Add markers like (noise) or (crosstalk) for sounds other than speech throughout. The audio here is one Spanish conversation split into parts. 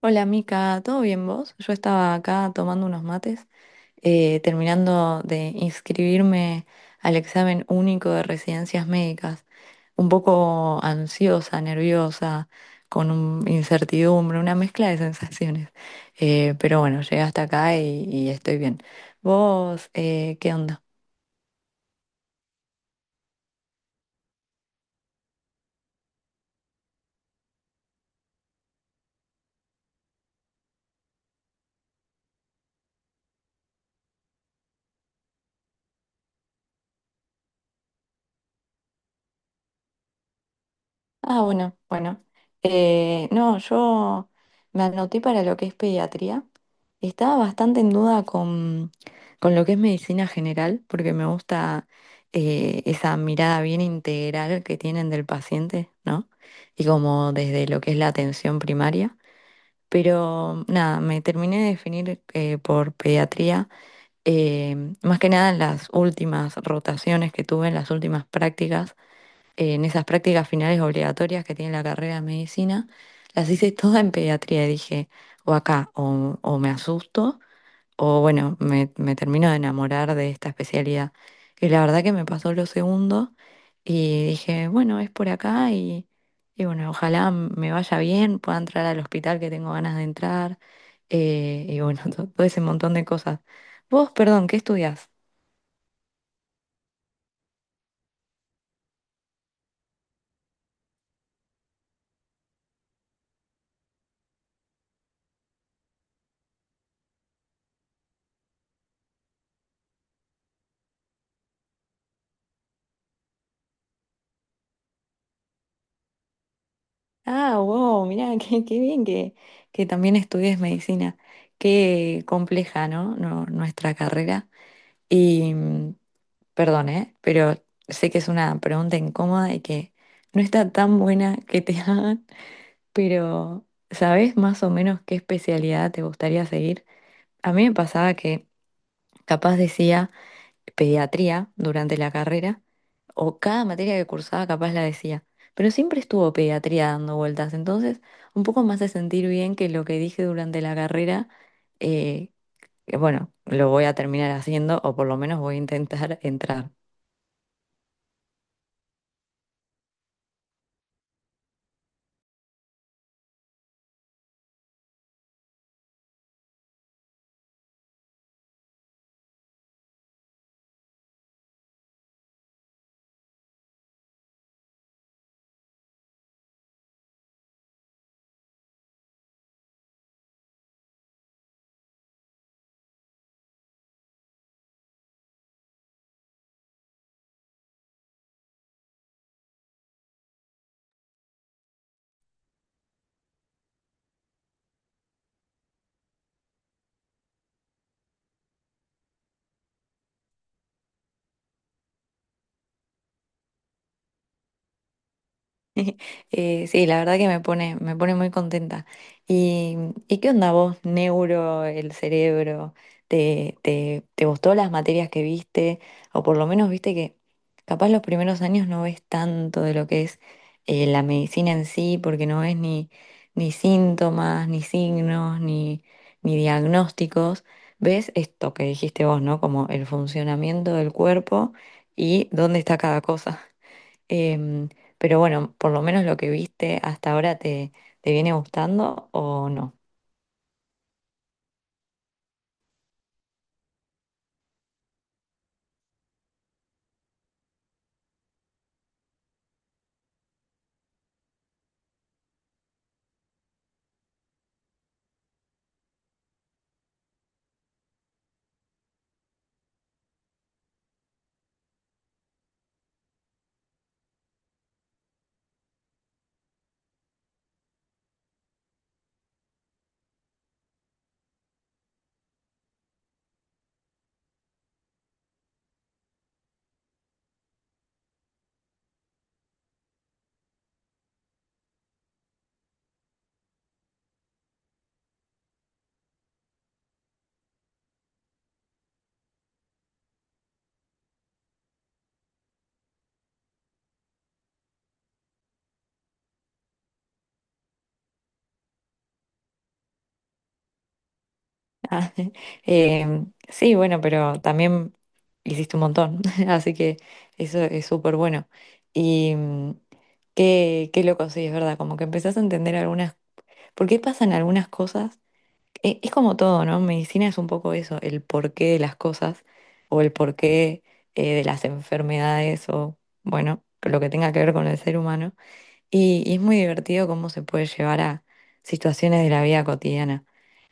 Hola Mica, ¿todo bien vos? Yo estaba acá tomando unos mates, terminando de inscribirme al examen único de residencias médicas, un poco ansiosa, nerviosa, con incertidumbre, una mezcla de sensaciones. Pero bueno, llegué hasta acá y estoy bien. ¿Vos, qué onda? Ah, bueno, bueno. No, yo me anoté para lo que es pediatría. Estaba bastante en duda con lo que es medicina general, porque me gusta esa mirada bien integral que tienen del paciente, ¿no? Y como desde lo que es la atención primaria. Pero nada, me terminé de definir por pediatría, más que nada en las últimas rotaciones que tuve, en las últimas prácticas, en esas prácticas finales obligatorias que tiene la carrera de medicina, las hice todas en pediatría y dije, o acá, o me asusto o bueno, me termino de enamorar de esta especialidad. Y la verdad que me pasó lo segundo y dije, bueno, es por acá y bueno, ojalá me vaya bien, pueda entrar al hospital que tengo ganas de entrar y bueno, (laughs) todo ese montón de cosas. Vos, perdón, ¿qué estudias? Ah, wow, mirá, (laughs) qué bien que también estudies medicina. Qué compleja, ¿no? No, nuestra carrera. Y, Perdón, ¿eh? Pero sé que es una pregunta incómoda y que no está tan buena que te (laughs) hagan, pero ¿sabés más o menos qué especialidad te gustaría seguir? A mí me pasaba que capaz decía pediatría durante la carrera, o cada materia que cursaba capaz la decía, pero siempre estuvo pediatría dando vueltas, entonces un poco más de sentir bien que lo que dije durante la carrera, eh, que bueno, lo voy a terminar haciendo o por lo menos voy a intentar (laughs) entrar. (laughs) Sí, la verdad que me pone muy contenta. ¿Y, y qué onda vos, neuro, el cerebro? ¿Te gustó las materias que viste? O por lo menos viste que capaz los primeros años no ves tanto de lo que es la medicina en sí, porque no ves ni síntomas, ni signos, ni diagnósticos. Ves esto que dijiste vos, ¿no? Como el funcionamiento del cuerpo y dónde está cada cosa. Em, pero bueno, por lo menos lo que viste hasta ahora te viene gustando o no. (laughs) Ah, sí, bueno, pero también hiciste un montón, (laughs) así que eso es súper bueno. Y qué loco, sí, es verdad, como que empezás a entender algunas, por qué pasan algunas cosas. Es como todo, ¿no? Medicina es un poco eso, el porqué de las cosas o el porqué de las enfermedades o, bueno, lo que tenga que ver con el ser humano. Y es muy divertido cómo se puede llevar a situaciones de la vida cotidiana.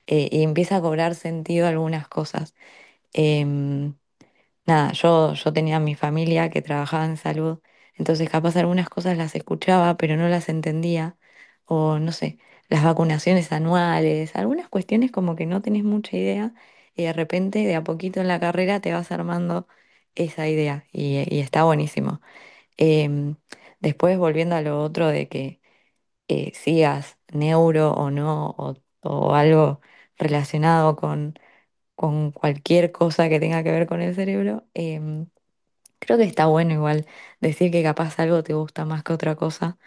Y empieza a cobrar sentido algunas cosas. Em, nada, yo tenía mi familia que trabajaba en salud, entonces capaz algunas cosas las escuchaba, pero no las entendía. O no sé, las vacunaciones anuales, algunas cuestiones como que no tenés mucha idea y de repente de a poquito en la carrera te vas armando esa idea y está buenísimo. Em, después volviendo a lo otro de que sigas neuro o no, o algo relacionado con cualquier cosa que tenga que ver con el cerebro, em, creo que está bueno igual decir que capaz algo te gusta más que otra cosa.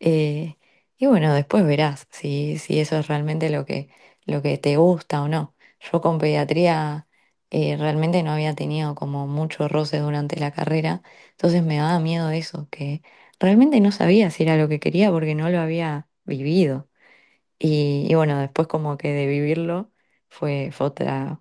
eh, y bueno, después verás si eso es realmente lo lo que te gusta o no. Yo con pediatría realmente no había tenido como mucho roce durante la carrera, entonces me daba miedo eso, que realmente no sabía si era lo que quería porque no lo había vivido. Y bueno, después como que de vivirlo fue, fue otra,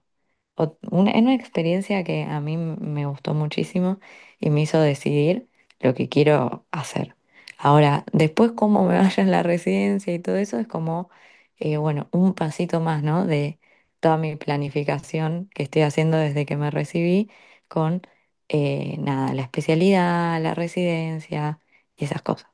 ot- una, una experiencia que a mí me gustó muchísimo y me hizo decidir lo que quiero hacer. Ahora, después cómo me (laughs) vaya en la residencia y todo eso es como, bueno, un pasito más, ¿no? De toda mi planificación que estoy haciendo desde que me recibí con, nada, la especialidad, la residencia y esas cosas.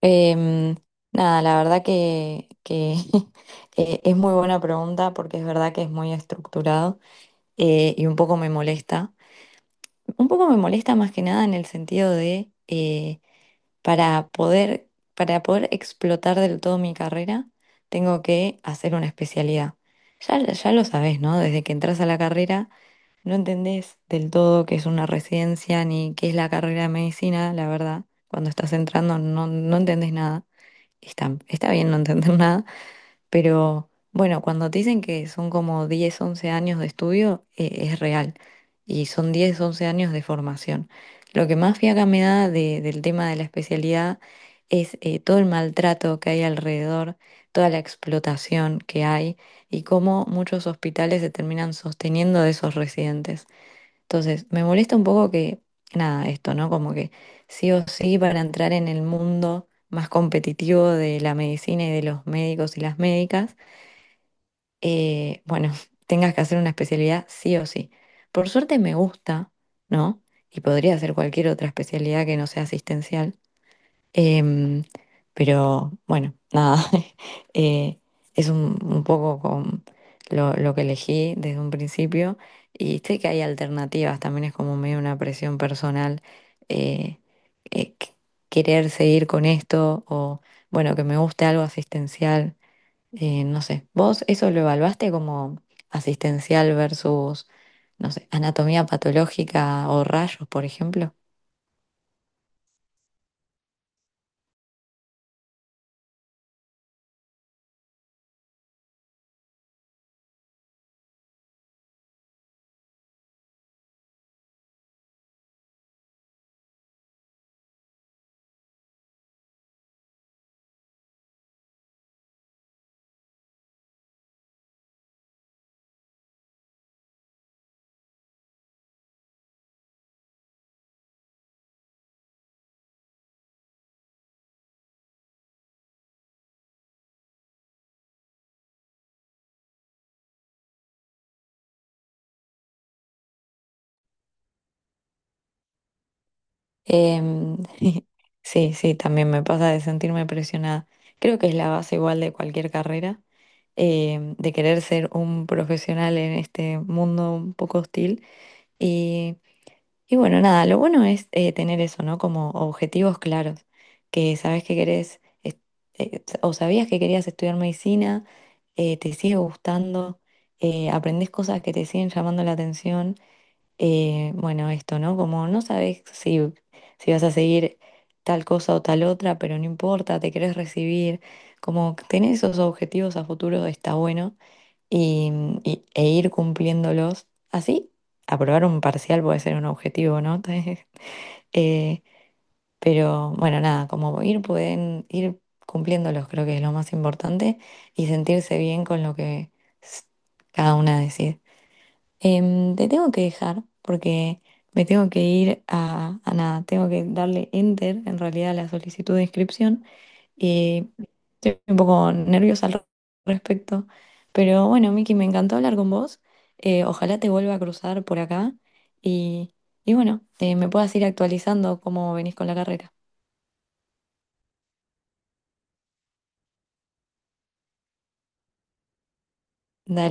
Em, nada, la verdad que (laughs) es muy buena pregunta porque es verdad que es muy estructurado y un poco me molesta. Un poco me molesta más que nada en el sentido de para poder, para poder explotar del todo mi carrera, tengo que hacer una especialidad. Ya, ya lo sabes, ¿no? Desde que entras a la carrera no entendés del todo qué es una residencia ni qué es la carrera de medicina, la verdad. Cuando estás entrando no, no entendés nada. Está bien no entender (laughs) nada, pero bueno, cuando te dicen que son como 10 u 11 años de estudio, es real. Y son 10 u 11 años de formación. Lo que más fiaca me da del tema de la especialidad es todo el maltrato que hay alrededor, toda la explotación que hay y cómo muchos hospitales se terminan sosteniendo de esos residentes. Entonces, me molesta un poco que, nada, esto, ¿no? Como que sí o sí para entrar en el mundo más competitivo de la medicina y de los médicos y las médicas, bueno, (laughs) tengas que hacer una especialidad sí o sí. Por suerte me gusta, ¿no? Y podría hacer cualquier otra especialidad que no sea asistencial. Em, pero bueno, nada, (laughs) eh, es un poco con lo que elegí desde un principio y sé que hay alternativas, también es como medio una presión personal eh, eh, qu- querer seguir con esto o bueno, que me guste algo asistencial, no sé, ¿vos eso lo evaluaste como asistencial versus, no sé, anatomía patológica o rayos, por ejemplo? Em, (laughs) sí, sí, también me pasa de sentirme presionada. Creo que es la base igual de cualquier carrera, de querer ser un profesional en este mundo un poco hostil. Y, y bueno, nada, lo bueno es tener eso, ¿no? Como objetivos claros, que sabes que querés, o sabías que querías estudiar medicina, te sigue gustando, aprendés cosas que te siguen llamando la atención bueno, esto, ¿no? Como no sabes si vas a seguir tal cosa o tal otra, pero no importa, te querés recibir, como que tener esos objetivos a futuro está bueno y, e ir cumpliéndolos. Así, aprobar un parcial puede ser un objetivo, ¿no? (laughs) Eh, pero bueno, nada, como ir, pueden ir cumpliéndolos, creo que es lo más importante y sentirse bien con lo que s- cada una decide. Te tengo que dejar porque me tengo que ir a nada, tengo que darle enter en realidad a la solicitud de inscripción y estoy un poco nerviosa al respecto. Pero bueno, Miki, me encantó hablar con vos. Ojalá te vuelva a cruzar por acá y, y bueno, me puedas ir actualizando cómo venís con la carrera. Dale.